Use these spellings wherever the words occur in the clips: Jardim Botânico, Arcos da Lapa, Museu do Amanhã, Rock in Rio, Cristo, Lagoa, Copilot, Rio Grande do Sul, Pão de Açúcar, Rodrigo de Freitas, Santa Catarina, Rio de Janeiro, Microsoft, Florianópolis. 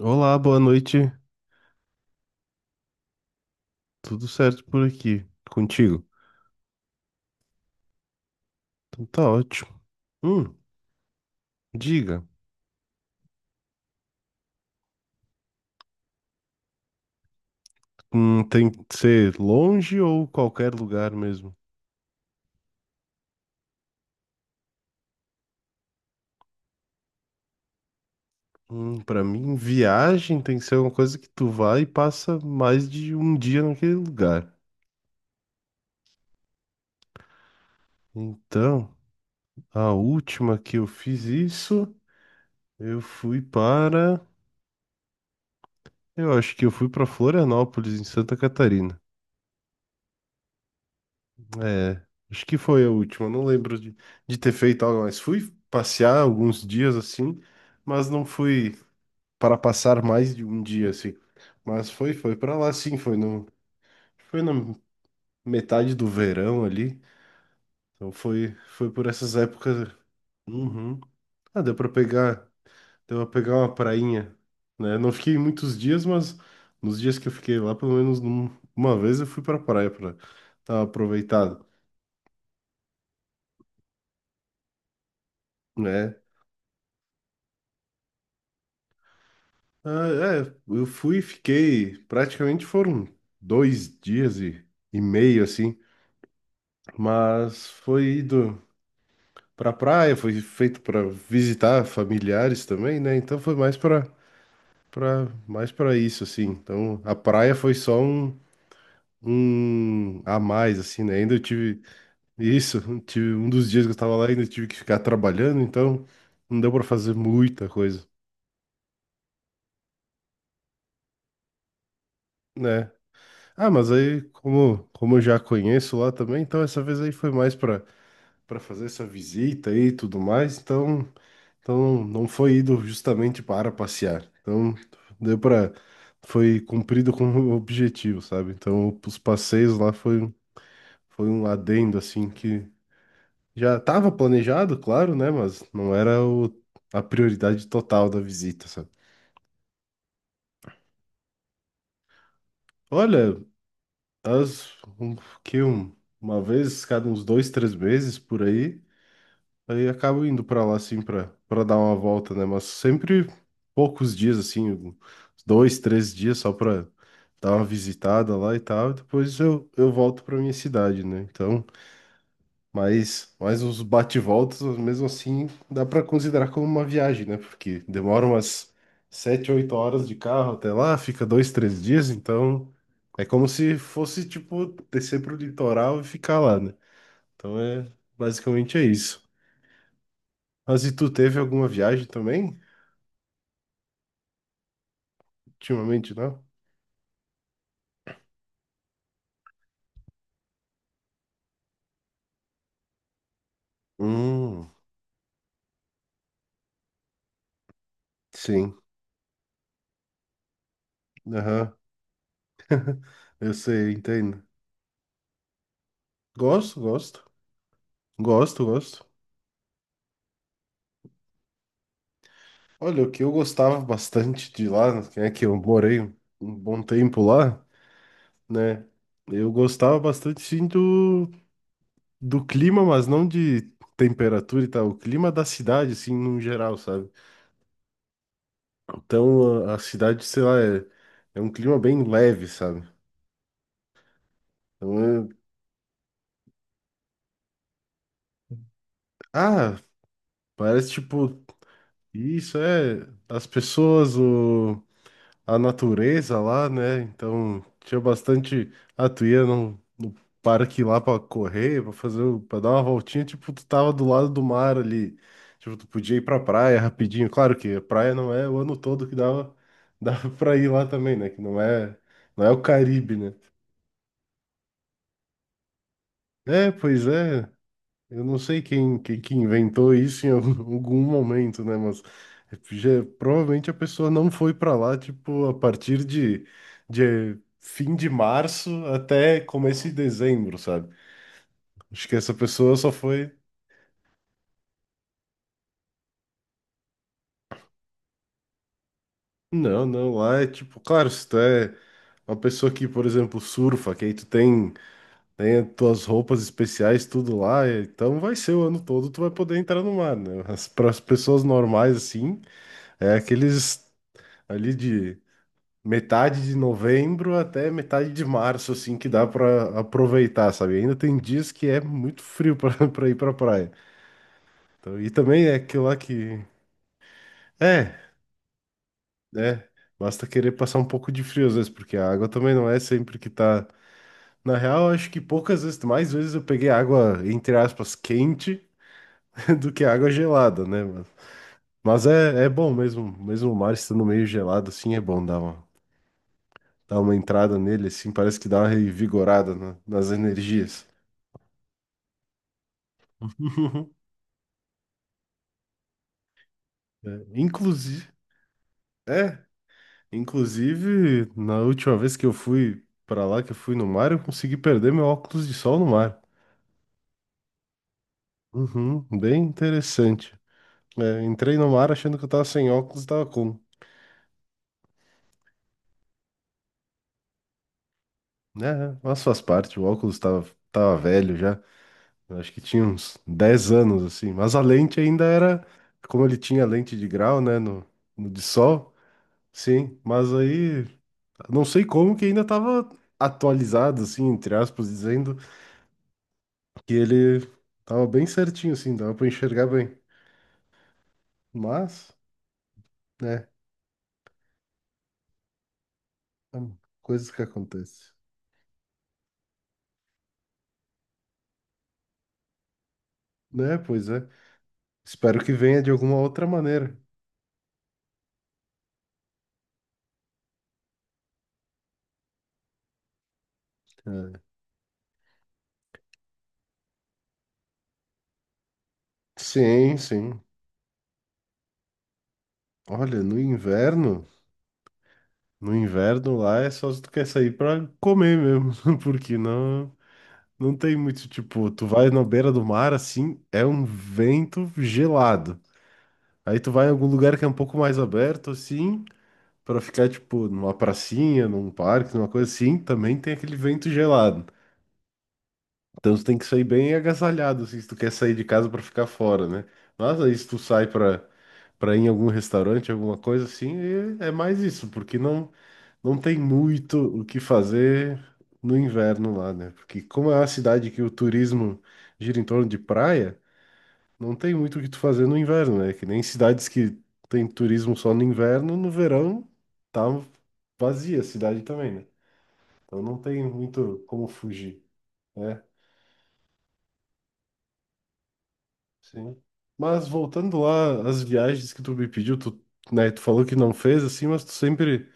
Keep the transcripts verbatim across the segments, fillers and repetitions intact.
Olá, boa noite. Tudo certo por aqui? Contigo? Então tá ótimo. Hum, diga. Hum, tem que ser longe ou qualquer lugar mesmo? Hum, pra mim, viagem tem que ser uma coisa que tu vai e passa mais de um dia naquele lugar. Então, a última que eu fiz isso, eu fui para. Eu acho que eu fui para Florianópolis, em Santa Catarina. É, acho que foi a última. Não lembro de, de ter feito algo, mas fui passear alguns dias assim, mas não fui para passar mais de um dia assim. Mas foi, foi para lá sim, foi no, foi na metade do verão ali. Então foi, foi por essas épocas. Uhum. Ah, deu para pegar, deu para pegar uma prainha, né? Não fiquei muitos dias, mas nos dias que eu fiquei lá, pelo menos num- uma vez eu fui para praia para dar uma aproveitada, né? Ah, é, eu fui e fiquei, praticamente foram dois dias e, e meio, assim, mas foi ido pra praia, foi feito para visitar familiares também, né? Então foi mais para para mais para isso, assim. Então a praia foi só um, um a mais, assim, né? Ainda eu tive isso, tive um dos dias que eu tava lá, ainda tive que ficar trabalhando, então não deu pra fazer muita coisa, né? Ah, mas aí, como, como eu já conheço lá também, então essa vez aí foi mais para para fazer essa visita aí e tudo mais, então, então não foi ido justamente para passear. Então, deu para foi cumprido com o objetivo, sabe? Então, os passeios lá foi, um- foi um adendo assim que já estava planejado, claro, né, mas não era o, a prioridade total da visita, sabe? Olha, as um, que um, uma vez cada uns dois, três meses por aí. Aí acabo indo pra lá, assim, pra, pra dar uma volta, né? Mas sempre poucos dias, assim, um- dois, três dias só pra dar uma visitada lá e tal. E depois eu, eu volto pra minha cidade, né? Então, mas, mas os bate-voltas, mesmo assim, dá pra considerar como uma viagem, né? Porque demora umas sete, oito horas de carro até lá, fica dois, três dias. Então, é como se fosse, tipo, descer pro litoral e ficar lá, né? Então, é basicamente é isso. Mas e tu teve alguma viagem também? Ultimamente, não? Hum, sim. Aham, eu sei, entendo. Gosto, gosto. Gosto, gosto. Olha, o que eu gostava bastante de lá, que é que eu morei um um bom tempo lá, né? Eu gostava bastante, sim, do, do clima, mas não de temperatura e tal. O clima da cidade, assim, no geral, sabe? Então, a, a cidade, sei lá, é, é um clima bem leve, sabe? Então, é- ah, parece, tipo. Isso é as pessoas, o, a natureza lá, né? Então tinha bastante. Ah, tu ia no, no parque lá pra correr, pra fazer, o- pra dar uma voltinha, tipo, tu tava do lado do mar ali. Tipo, tu podia ir pra praia rapidinho. Claro que a praia não é o ano todo que dava, dava pra ir lá também, né? Que não é, não é o Caribe, né? É, pois é. Eu não sei quem, quem que inventou isso em algum algum momento, né? Mas já- provavelmente a pessoa não foi para lá, tipo, a partir de, de fim de março até começo de dezembro, sabe? Acho que essa pessoa só foi. Não, não, lá é tipo, claro, se tu é uma pessoa que, por exemplo, surfa, que aí tu tem, tem as tuas roupas especiais, tudo lá, é- então vai ser o ano todo, tu vai poder entrar no mar, né? para as pras pessoas normais, assim, é aqueles ali de metade de novembro até metade de março, assim, que dá pra aproveitar, sabe? Ainda tem dias que é muito frio pra pra ir pra praia. Então, e também é aquilo lá que. É, né? Basta querer passar um pouco de frio às vezes, porque a água também não é sempre que tá. Na real, eu acho que poucas vezes, mais vezes eu peguei água, entre aspas, quente do que água gelada, né? Mas mas é, é bom mesmo, mesmo o mar estando meio gelado, assim, é bom dar uma, dar uma entrada nele, assim, parece que dá uma revigorada na- nas energias. Uhum. É, Inclusive, é, inclusive, na última vez que eu fui pra lá, que eu fui no mar, eu consegui perder meu óculos de sol no mar. Uhum, bem interessante. É, entrei no mar achando que eu tava sem óculos, tava com. É, mas faz parte, o óculos tava, tava velho já. Eu acho que tinha uns dez anos, assim. Mas a lente ainda era, como ele tinha lente de grau, né, no, no de sol, sim. Mas aí, não sei como que ainda tava atualizado, assim, entre aspas, dizendo. Que ele tava bem certinho, assim, dava pra enxergar bem. Mas, né, hum, coisas que acontecem. Né, pois é. Espero que venha de alguma outra maneira. É. Sim, sim. Olha, no inverno, no inverno lá é só se tu quer sair pra comer mesmo, porque não, não tem muito, tipo, tu vai na beira do mar, assim, é um vento gelado. Aí tu vai em algum lugar que é um pouco mais aberto, assim, pra ficar, tipo, numa pracinha, num parque, numa coisa assim, também tem aquele vento gelado. Então tu tem que sair bem agasalhado, assim, se tu quer sair de casa pra ficar fora, né? Mas aí se tu sai pra, pra, ir em algum restaurante, alguma coisa assim, é é mais isso, porque não, não tem muito o que fazer no inverno lá, né? Porque como é uma cidade que o turismo gira em torno de praia, não tem muito o que tu fazer no inverno, né? Que nem cidades que tem turismo só no inverno, no verão tá vazia a cidade também, né? Então não tem muito como fugir, né? Sim. Mas voltando lá às viagens que tu me pediu, tu, né, tu falou que não fez assim, mas tu sempre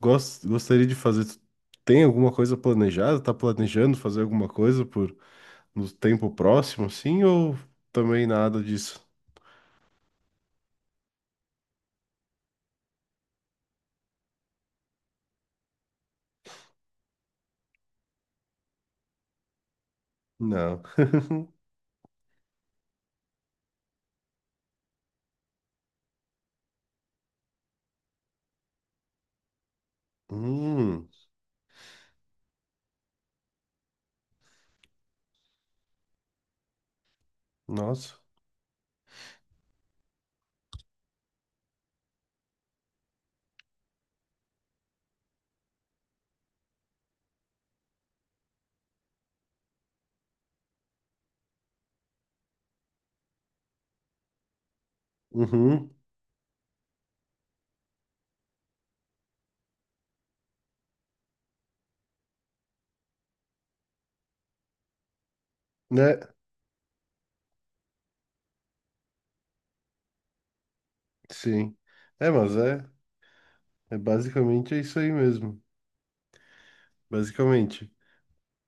gost, gostaria de fazer. Tu tem alguma coisa planejada? Tá planejando fazer alguma coisa por no tempo próximo, assim, ou também nada disso? Não. Hum, nossa. Uhum, né? Sim. É, mas é, é basicamente é isso aí mesmo. Basicamente.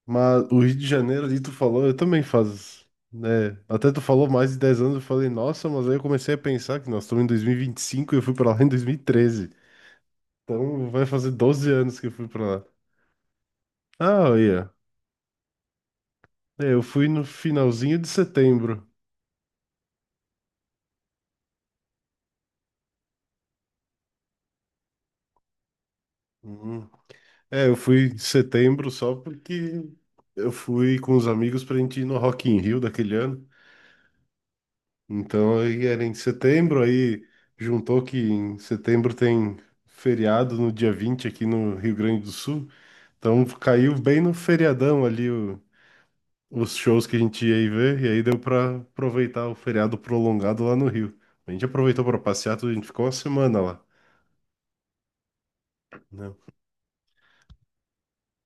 Mas o Rio de Janeiro ali tu falou, eu também faço, né? Até tu falou mais de dez anos, eu falei, nossa, mas aí eu comecei a pensar que nós estamos em dois mil e vinte e cinco e eu fui pra lá em dois mil e treze. Então vai fazer doze anos que eu fui pra lá. Ah, olha. É, eu fui no finalzinho de setembro. Uhum. É, eu fui em setembro só porque eu fui com os amigos pra gente ir no Rock in Rio daquele ano. Então aí era em setembro, aí juntou que em setembro tem feriado no dia vinte aqui no Rio Grande do Sul. Então caiu bem no feriadão ali o- os shows que a gente ia ir ver, e aí deu pra aproveitar o feriado prolongado lá no Rio. A gente aproveitou pra passear, tudo, a gente ficou uma semana lá, né?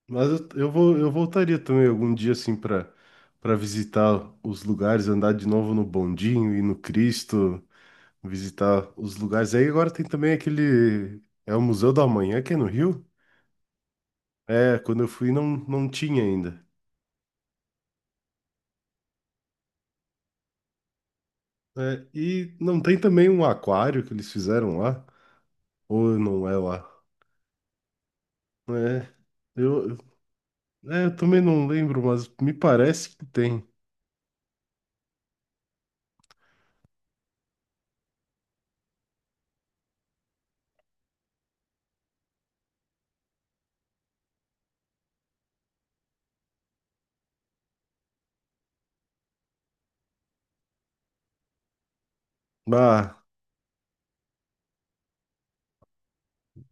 Mas eu, eu vou, eu voltaria também algum dia assim pra para visitar os lugares, andar de novo no Bondinho e no Cristo. Visitar os lugares. Aí agora tem também aquele. É o Museu do Amanhã, que é no Rio? É, quando eu fui não, não tinha ainda. É, e não tem também um aquário que eles fizeram lá? Ou não é lá? É, eu, eu- é, eu também não lembro, mas me parece que tem. Bah,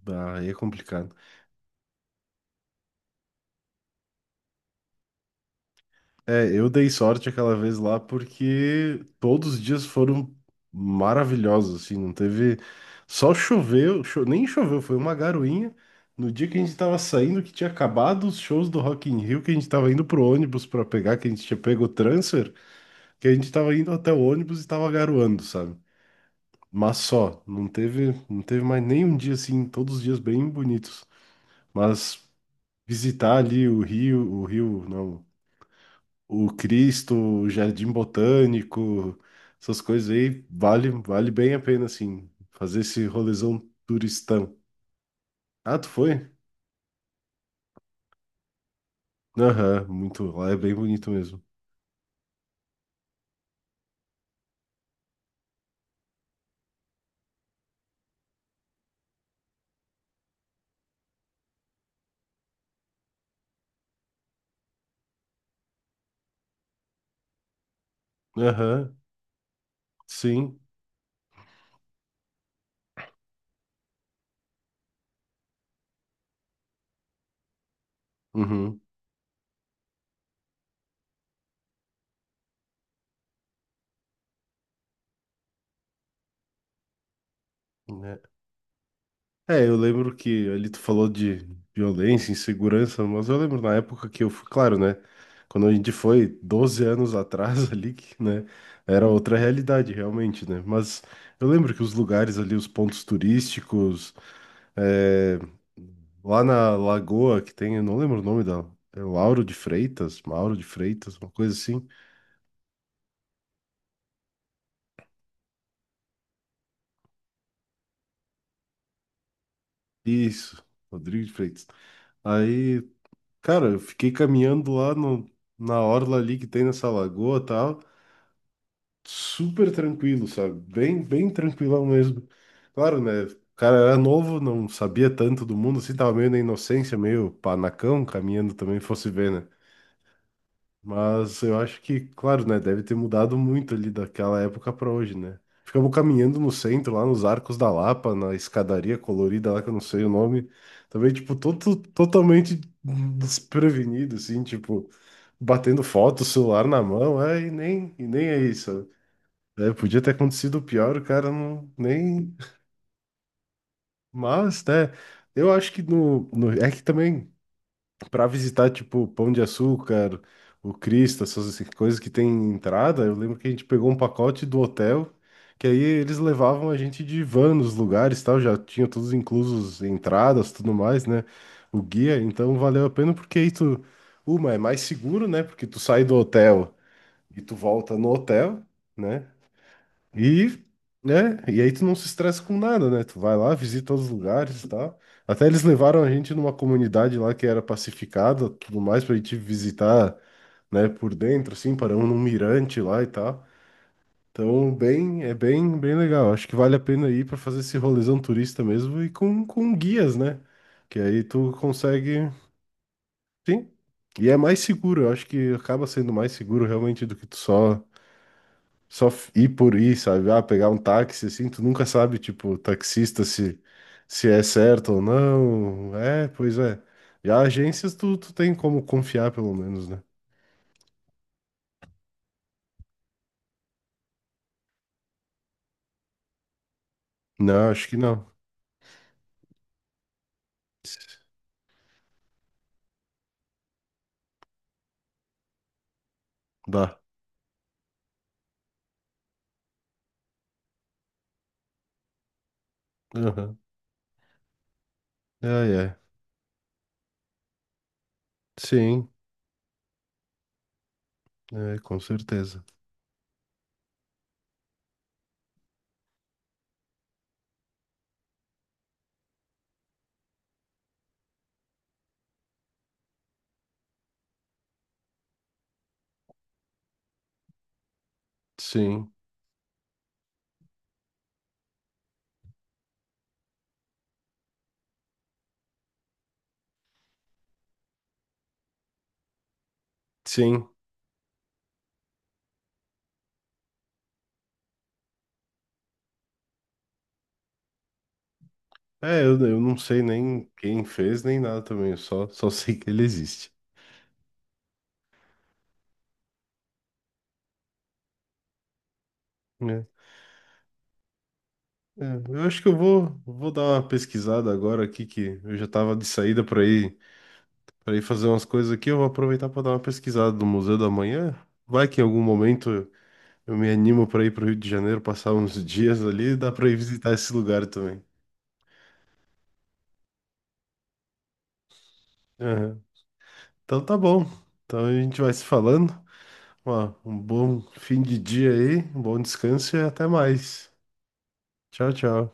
bah, aí é complicado. É, eu dei sorte aquela vez lá porque todos os dias foram maravilhosos, assim, não teve. Só choveu, cho- nem choveu, foi uma garoinha. No dia que a gente tava saindo, que tinha acabado os shows do Rock in Rio, que a gente tava indo pro ônibus pra pegar, que a gente tinha pego o transfer, que a gente tava indo até o ônibus e tava garoando, sabe? Mas só, não teve, não teve mais nenhum dia assim, todos os dias bem bonitos. Mas visitar ali o Rio, o Rio, não o Cristo, o Jardim Botânico, essas coisas aí, vale, vale bem a pena, assim, fazer esse rolezão turistão. Ah, tu foi? Aham, muito, lá é bem bonito mesmo. Aham, sim, uhum. É. É, eu lembro que ali tu falou de violência, insegurança, mas eu lembro na época que eu fui, claro, né? Quando a gente foi doze anos atrás ali, que, né? Era outra realidade, realmente, né? Mas eu lembro que os lugares ali, os pontos turísticos, é, lá na Lagoa que tem, eu não lembro o nome da, é Lauro de Freitas, Mauro de Freitas, uma coisa assim. Isso, Rodrigo de Freitas. Aí, cara, eu fiquei caminhando lá no, na orla ali que tem nessa lagoa e tal. Super tranquilo, sabe? Bem, bem tranquilão mesmo. Claro, né? O cara era novo, não sabia tanto do mundo, assim, tava meio na inocência, meio panacão, caminhando também, fosse ver, né? Mas eu acho que, claro, né? Deve ter mudado muito ali daquela época pra hoje, né? Ficamos caminhando no centro, lá nos Arcos da Lapa, na escadaria colorida lá, que eu não sei o nome. Também, tipo, todo, totalmente desprevenido, assim, tipo, batendo foto, celular na mão, é, e nem, e nem é isso. É, podia ter acontecido o pior, o cara não nem. Mas, né? Eu acho que no, no- é que também para visitar tipo Pão de Açúcar, o Cristo, essas assim, coisas que tem entrada, eu lembro que a gente pegou um pacote do hotel, que aí eles levavam a gente de van nos lugares, tal, já tinha todos inclusos entradas, tudo mais, né? O guia, então valeu a pena porque aí tu, uma é mais seguro, né? Porque tu sai do hotel e tu volta no hotel, né? E, né? E aí tu não se estressa com nada, né? Tu vai lá, visita os lugares e tal. Até eles levaram a gente numa comunidade lá que era pacificada, tudo mais, pra gente visitar, né, por dentro, assim, paramos num mirante lá e tal. Então, bem, é bem, bem legal. Acho que vale a pena ir para fazer esse rolezão turista mesmo e com, com guias, né? Que aí tu consegue, sim. E é mais seguro, eu acho que acaba sendo mais seguro realmente do que tu só só f- ir por ir, sabe? Ah, pegar um táxi, assim, tu nunca sabe, tipo, o taxista se, se é certo ou não. É, pois é. Já agências tu, tu tem como confiar, pelo menos, né? Não, acho que não. Dá. Aham. É, é. Sim, é, com certeza. Sim, sim. É, eu, eu não sei nem quem fez, nem nada também, eu só, só sei que ele existe. Né? É, eu acho que eu vou, vou dar uma pesquisada agora aqui, que eu já tava de saída por aí para ir fazer umas coisas aqui, eu vou aproveitar para dar uma pesquisada no Museu da Manhã. Vai que em algum momento eu me animo para ir para o Rio de Janeiro, passar uns dias ali, dá para ir visitar esse lugar também. Aham. Então tá bom. Então a gente vai se falando. Ó, um bom fim de dia aí, um bom descanso e até mais. Tchau, tchau.